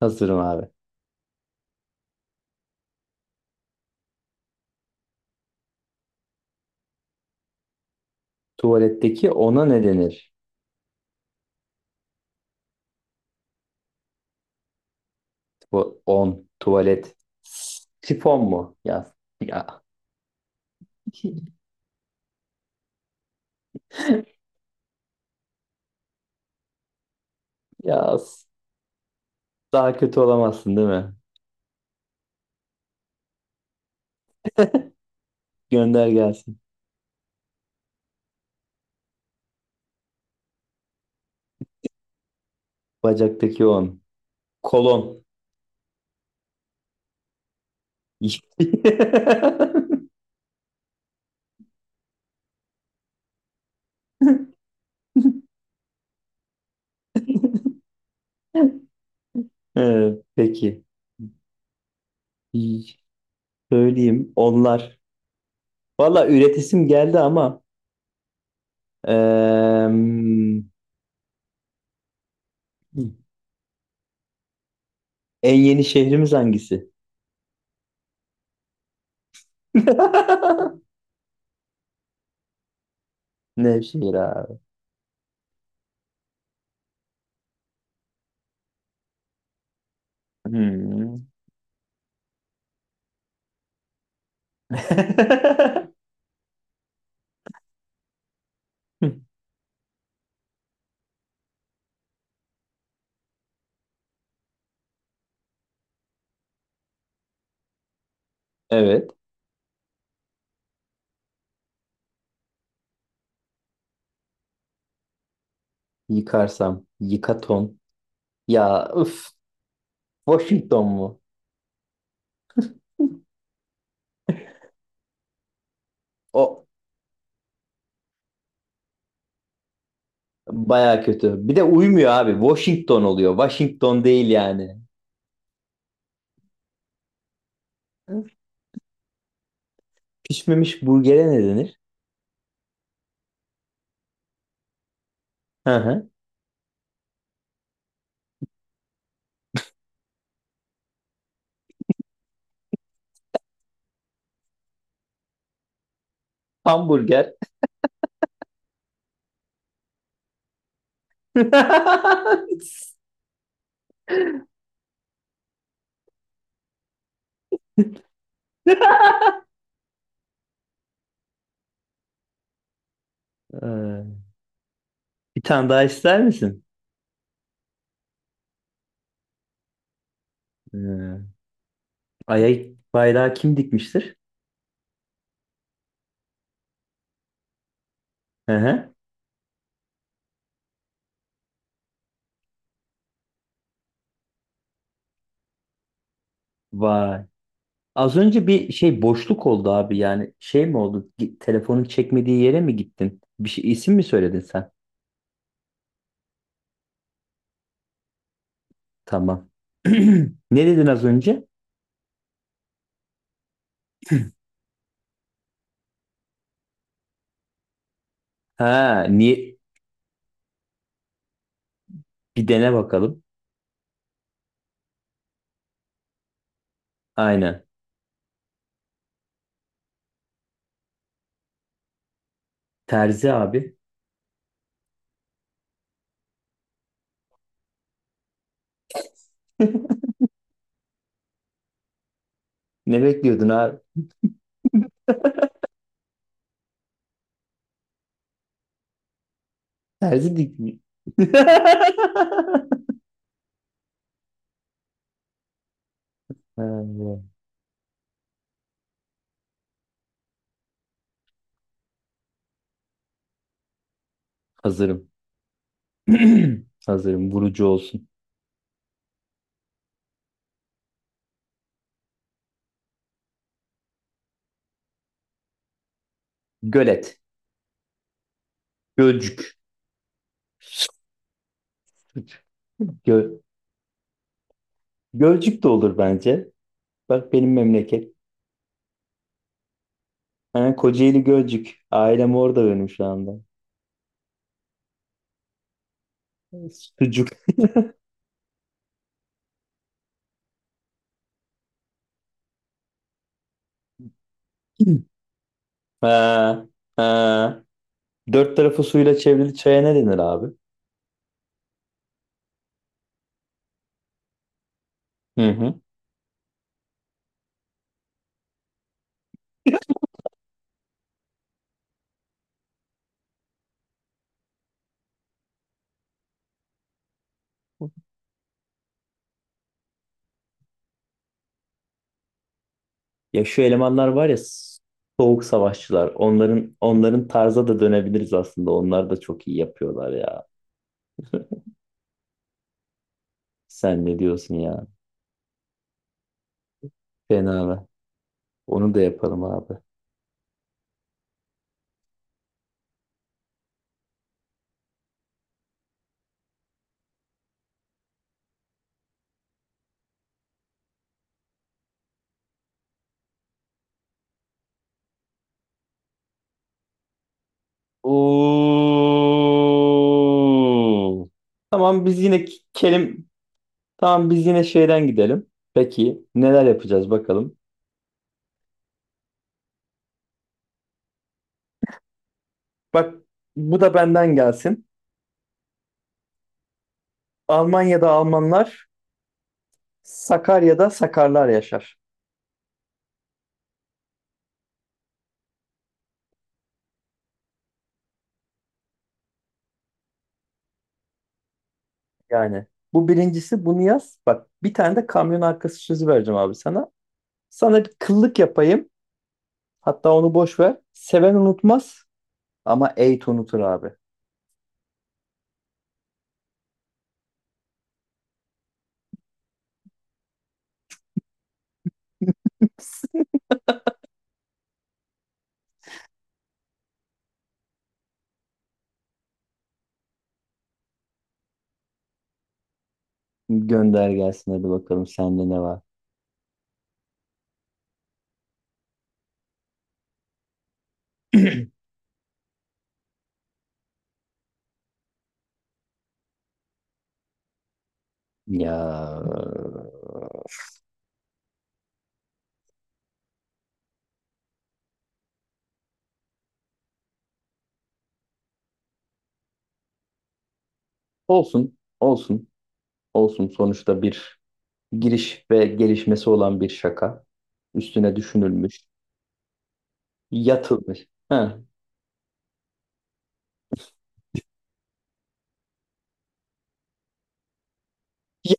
Hazırım abi. Tuvaletteki ona ne denir? Bu on, tuvalet. Sifon mu? Ya, ya, daha kötü olamazsın değil mi? Gönder gelsin. Bacaktaki on. Kolon. Evet, peki. İyi, söyleyeyim. Onlar. Valla üretisim geldi ama em, en yeni şehrimiz hangisi? Nevşehir abi. Hmm. Evet. Yıkarsam. Yıkaton. Ya üf. Washington mu? O baya kötü. Bir de uymuyor abi. Washington oluyor. Washington değil yani. Pişmemiş burgere ne denir? Hı hı. Hamburger. Ee, bir tane daha ister misin? Ee, Ay'a bayrağı kim dikmiştir? Hı hı. Vay. Az önce bir şey boşluk oldu abi, yani şey mi oldu? Telefonun çekmediği yere mi gittin? Bir şey isim mi söyledin sen? Tamam. Ne dedin az önce? Ha, niye? Bir dene bakalım. Aynen. Terzi abi. Ne bekliyordun abi? Terzi dik mi? Ha, hazırım. Hazırım. Vurucu olsun. Gölet. Gölcük. Gö Gölcük de olur bence. Bak benim memleket. Ha, Kocaeli Gölcük. Ailem orada benim şu anda. Sucuk. Ha, ha. Dört tarafı suyla çevrili çaya ne denir abi? Hı hı. Ya şu elemanlar var ya, soğuk savaşçılar. Onların tarza da dönebiliriz aslında. Onlar da çok iyi yapıyorlar ya. Sen ne diyorsun ya? Fena mı? Onu da yapalım abi. Oo. Tamam biz yine kelim tamam, biz yine şeyden gidelim. Peki neler yapacağız bakalım. Bak, bu da benden gelsin. Almanya'da Almanlar, Sakarya'da Sakarlar yaşar. Yani bu birincisi, bunu yaz. Bak, bir tane de kamyon arkası sözü vereceğim abi sana. Sana bir kıllık yapayım. Hatta onu boş ver. Seven unutmaz ama eğit unutur abi. Gönder gelsin hadi bakalım, sende ne var? Ya olsun, olsun, olsun. Sonuçta bir giriş ve gelişmesi olan bir şaka. Üstüne düşünülmüş, yatılmış. Heh. Ya,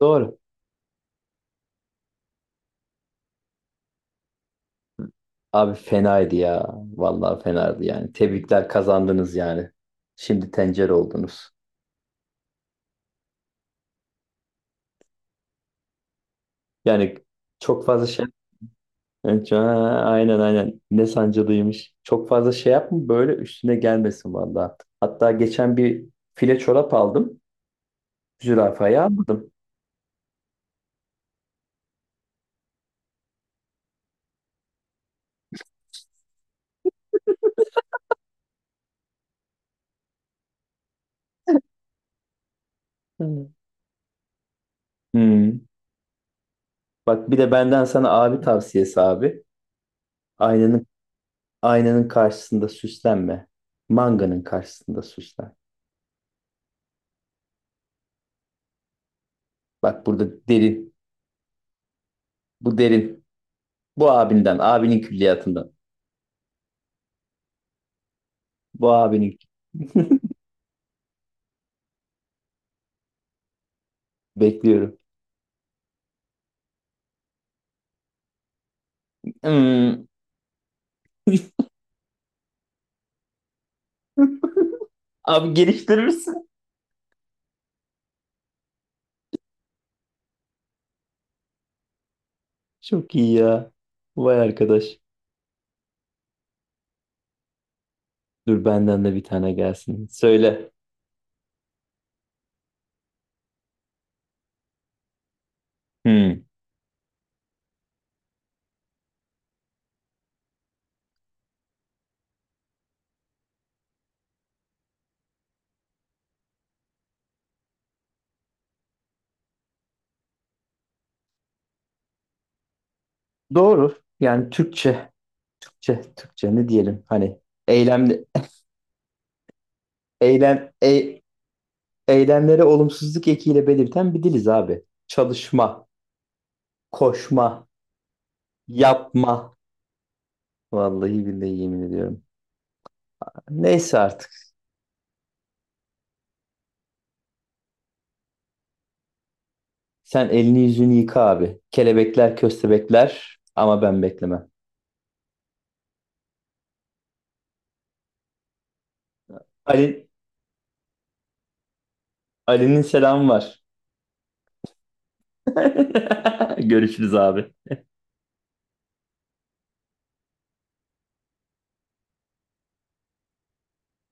doğru. Abi fenaydı ya. Vallahi fenaydı yani. Tebrikler, kazandınız yani. Şimdi tencere oldunuz. Yani çok fazla şey... Evet, ha, aynen aynen. Ne sancılıymış. Çok fazla şey yapma, böyle üstüne gelmesin vallahi. Hatta geçen bir file çorap aldım. Zürafayı aldım. Hı. Hmm. Bak, bir de benden sana abi tavsiyesi abi. Aynanın aynanın karşısında süslenme. Manganın karşısında süslen. Bak, burada derin. Bu derin. Bu abinden, abinin külliyatından. Bu abinin. Bekliyorum. Hmm. Abi geliştirirsin. Çok iyi ya. Vay arkadaş. Dur, benden de bir tane gelsin. Söyle. Hmm. Doğru. Yani Türkçe, Türkçe ne diyelim? Hani eylemli, eylem, e eylemlere olumsuzluk ekiyle belirten bir diliz abi. Çalışma, koşma, yapma. Vallahi billahi yemin ediyorum. Neyse artık. Sen elini yüzünü yıka abi. Kelebekler, köstebekler ama ben beklemem. Ali, Ali'nin selamı var. Görüşürüz abi.